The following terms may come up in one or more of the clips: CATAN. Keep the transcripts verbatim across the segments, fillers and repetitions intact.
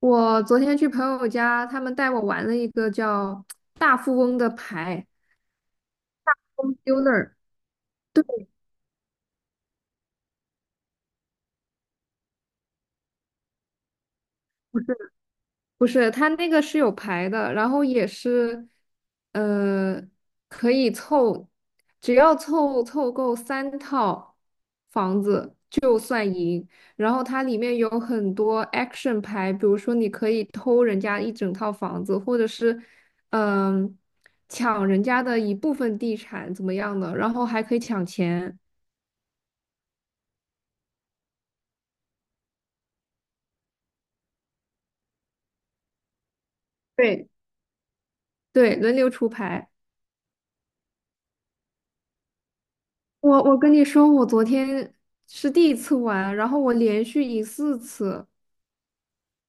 我昨天去朋友家，他们带我玩了一个叫大富翁的牌 Home Builder。对，不是，它那个是有牌的，然后也是，呃，可以凑，只要凑凑够三套房子，然后它里面有很多 action 牌，比如说你可以偷人家一整套房子，或者是，嗯、抢人家的一部分地产怎么样的，然后还可以抢钱。对，对，轮流出牌。我我跟你说，我昨天是第一次玩，然后我连续赢四次，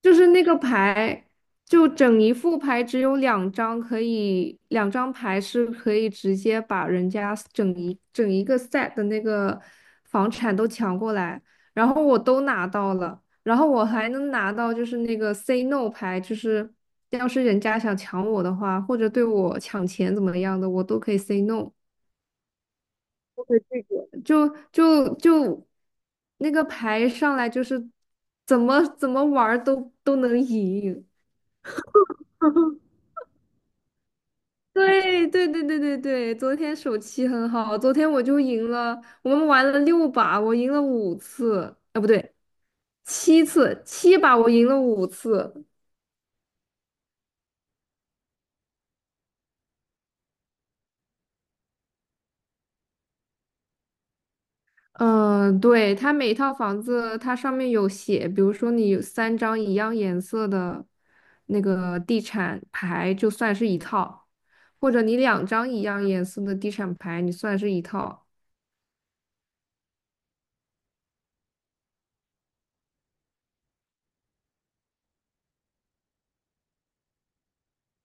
就是那个牌，就整一副牌只有两张可以，两张牌是可以直接把人家整一整一个 set 的那个房产都抢过来，然后我都拿到了，然后我还能拿到就是那个 say no 牌，就是要是人家想抢我的话，或者对我抢钱怎么样的，我都可以 say no。对这个，就就就那个牌上来就是怎么怎么玩儿都都能赢。对对对对对对，昨天手气很好，昨天我就赢了，我们玩了六把，我赢了五次，啊不对，七次，七把我赢了五次。嗯，呃对，它每一套房子，它上面有写，比如说你有三张一样颜色的那个地产牌，就算是一套；或者你两张一样颜色的地产牌，你算是一套。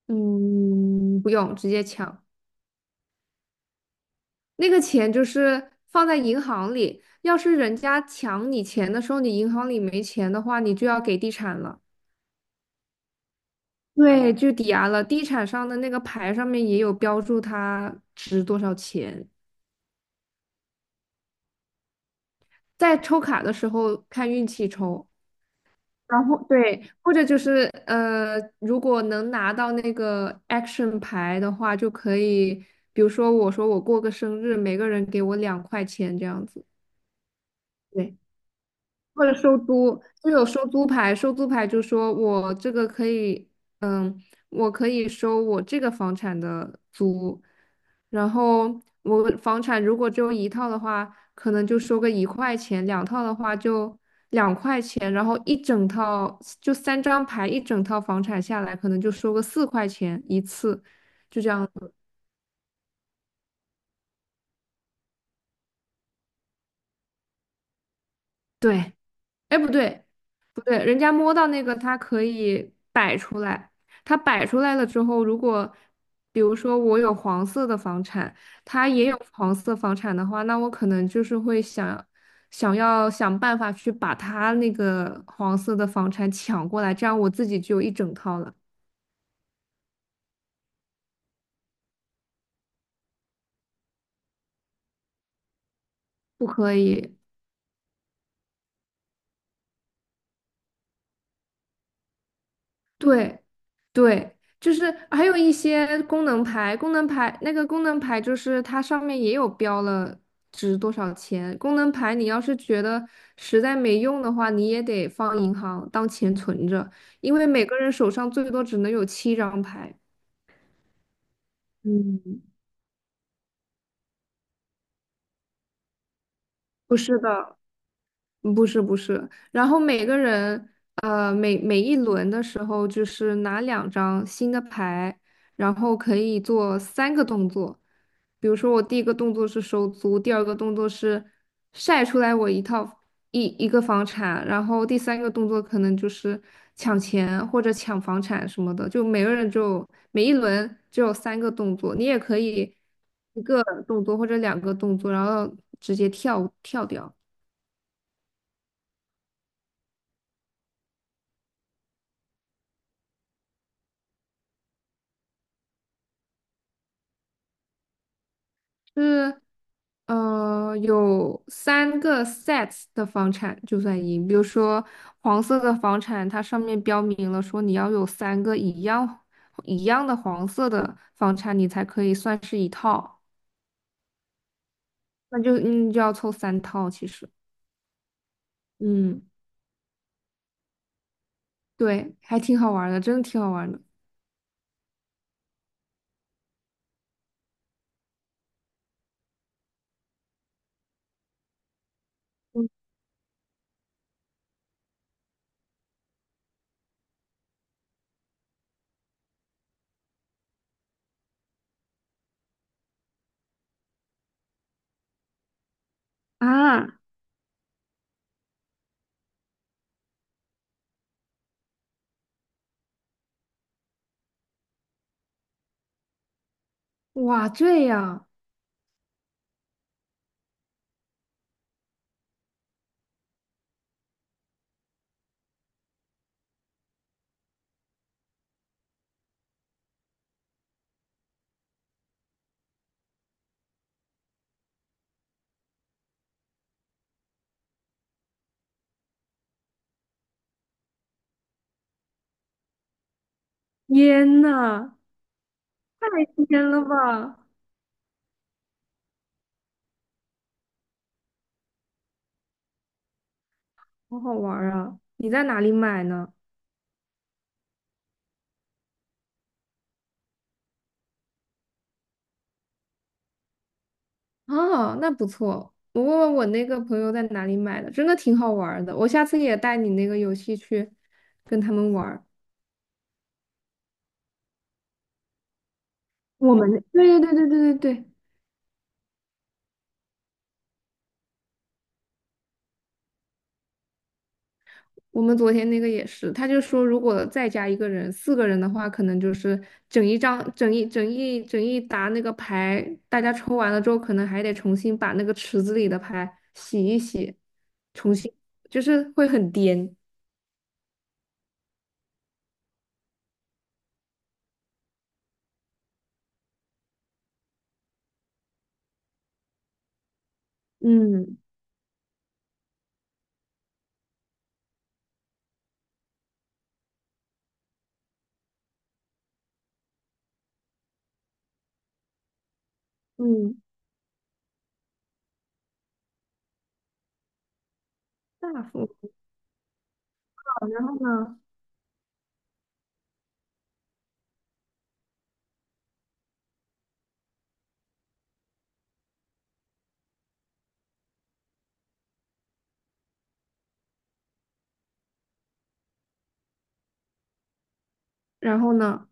嗯，不用，直接抢。那个钱就是放在银行里，要是人家抢你钱的时候，你银行里没钱的话，你就要给地产了。对，就抵押了。地产上的那个牌上面也有标注它值多少钱。在抽卡的时候看运气抽，然后对，或者就是呃，如果能拿到那个 action 牌的话，就可以，比如说我说我过个生日，每个人给我两块钱这样子。对。或者收租，就有收租牌，收租牌就说我这个可以，嗯，我可以收我这个房产的租，然后我房产如果只有一套的话，可能就收个一块钱，两套的话就两块钱，然后一整套就三张牌，一整套房产下来可能就收个四块钱一次，就这样子。对，哎，不对，不对，人家摸到那个，它可以摆出来。它摆出来了之后，如果比如说我有黄色的房产，他也有黄色房产的话，那我可能就是会想想要想办法去把他那个黄色的房产抢过来，这样我自己就有一整套了。不可以，对对，就是还有一些功能牌，功能牌那个功能牌就是它上面也有标了值多少钱。功能牌你要是觉得实在没用的话，你也得放银行当钱存着，因为每个人手上最多只能有七张牌。嗯，不是的，不是不是，然后每个人呃每每一轮的时候就是拿两张新的牌，然后可以做三个动作，比如说我第一个动作是收租，第二个动作是晒出来我一套一一个房产，然后第三个动作可能就是抢钱或者抢房产什么的，就每个人就每一轮只有三个动作，你也可以一个动作或者两个动作，然后直接跳跳掉。是呃有三个 sets 的房产就算赢，比如说黄色的房产，它上面标明了说你要有三个一样一样的黄色的房产，你才可以算是一套，那就嗯就要凑三套其实，嗯，对，还挺好玩儿的，真的挺好玩儿的啊！哇，这样，天呐，太天了吧，好好玩儿啊！你在哪里买呢？哦，那不错。我问问我那个朋友在哪里买的，真的挺好玩儿的。我下次也带你那个游戏去跟他们玩儿。我们对对对对对对对，我们昨天那个也是，他就说如果再加一个人，四个人的话，可能就是整一张、整一、整一、整一沓那个牌，大家抽完了之后，可能还得重新把那个池子里的牌洗一洗，重新就是会很颠。嗯嗯，大富豪，然后呢？然后呢？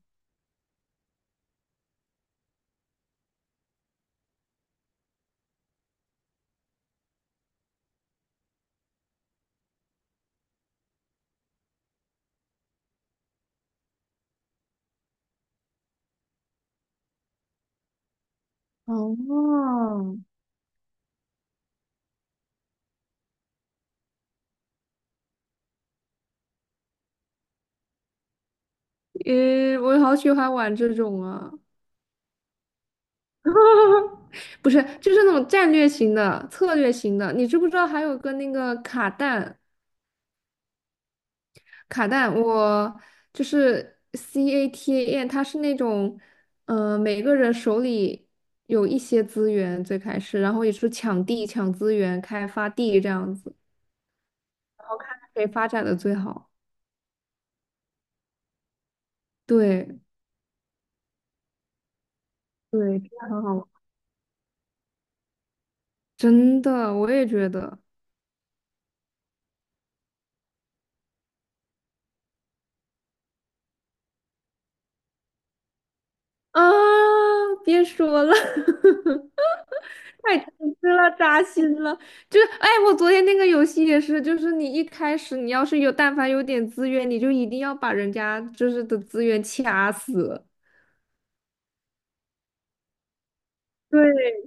哦，诶，我好喜欢玩这种啊！不是，就是那种战略型的、策略型的。你知不知道还有个那个卡弹？卡弹，我就是 CATAN，它是那种，呃，每个人手里有一些资源，最开始，然后也是抢地、抢资源、开发地这样子，谁发展的最好？对对，真的很好玩，真的，我也觉得。啊，别说了，太诚实了扎心了。就是，哎，我昨天那个游戏也是，就是你一开始你要是有但凡有点资源，你就一定要把人家就是的资源掐死。对，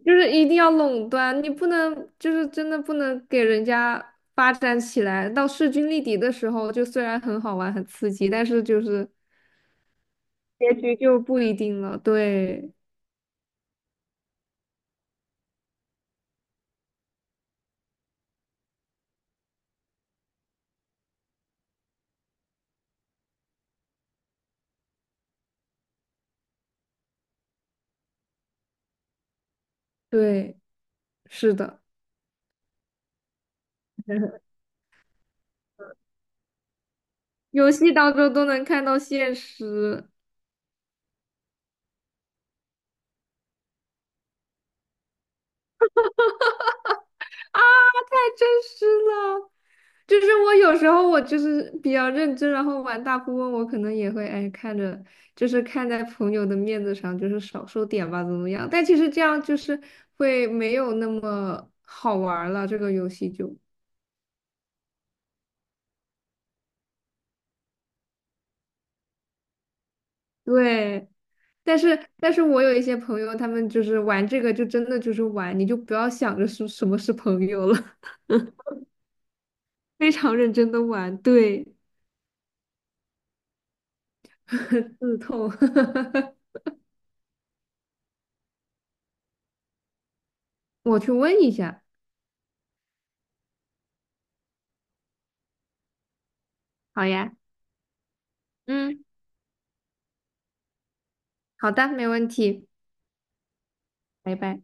就是一定要垄断，你不能就是真的不能给人家发展起来。到势均力敌的时候，就虽然很好玩很刺激，但是就是结局就不一定了。对，对，是的。游戏当中都能看到现实啊，太真实了。就是我有时候我就是比较认真，然后玩大富翁，我可能也会哎看着，就是看在朋友的面子上，就是少收点吧，怎么样？但其实这样就是会没有那么好玩儿了，这个游戏就对。但是但是我有一些朋友，他们就是玩这个就真的就是玩，你就不要想着是什么是朋友了，非常认真的玩，对。刺痛。我去问一下。好呀，嗯，好的，没问题，拜拜。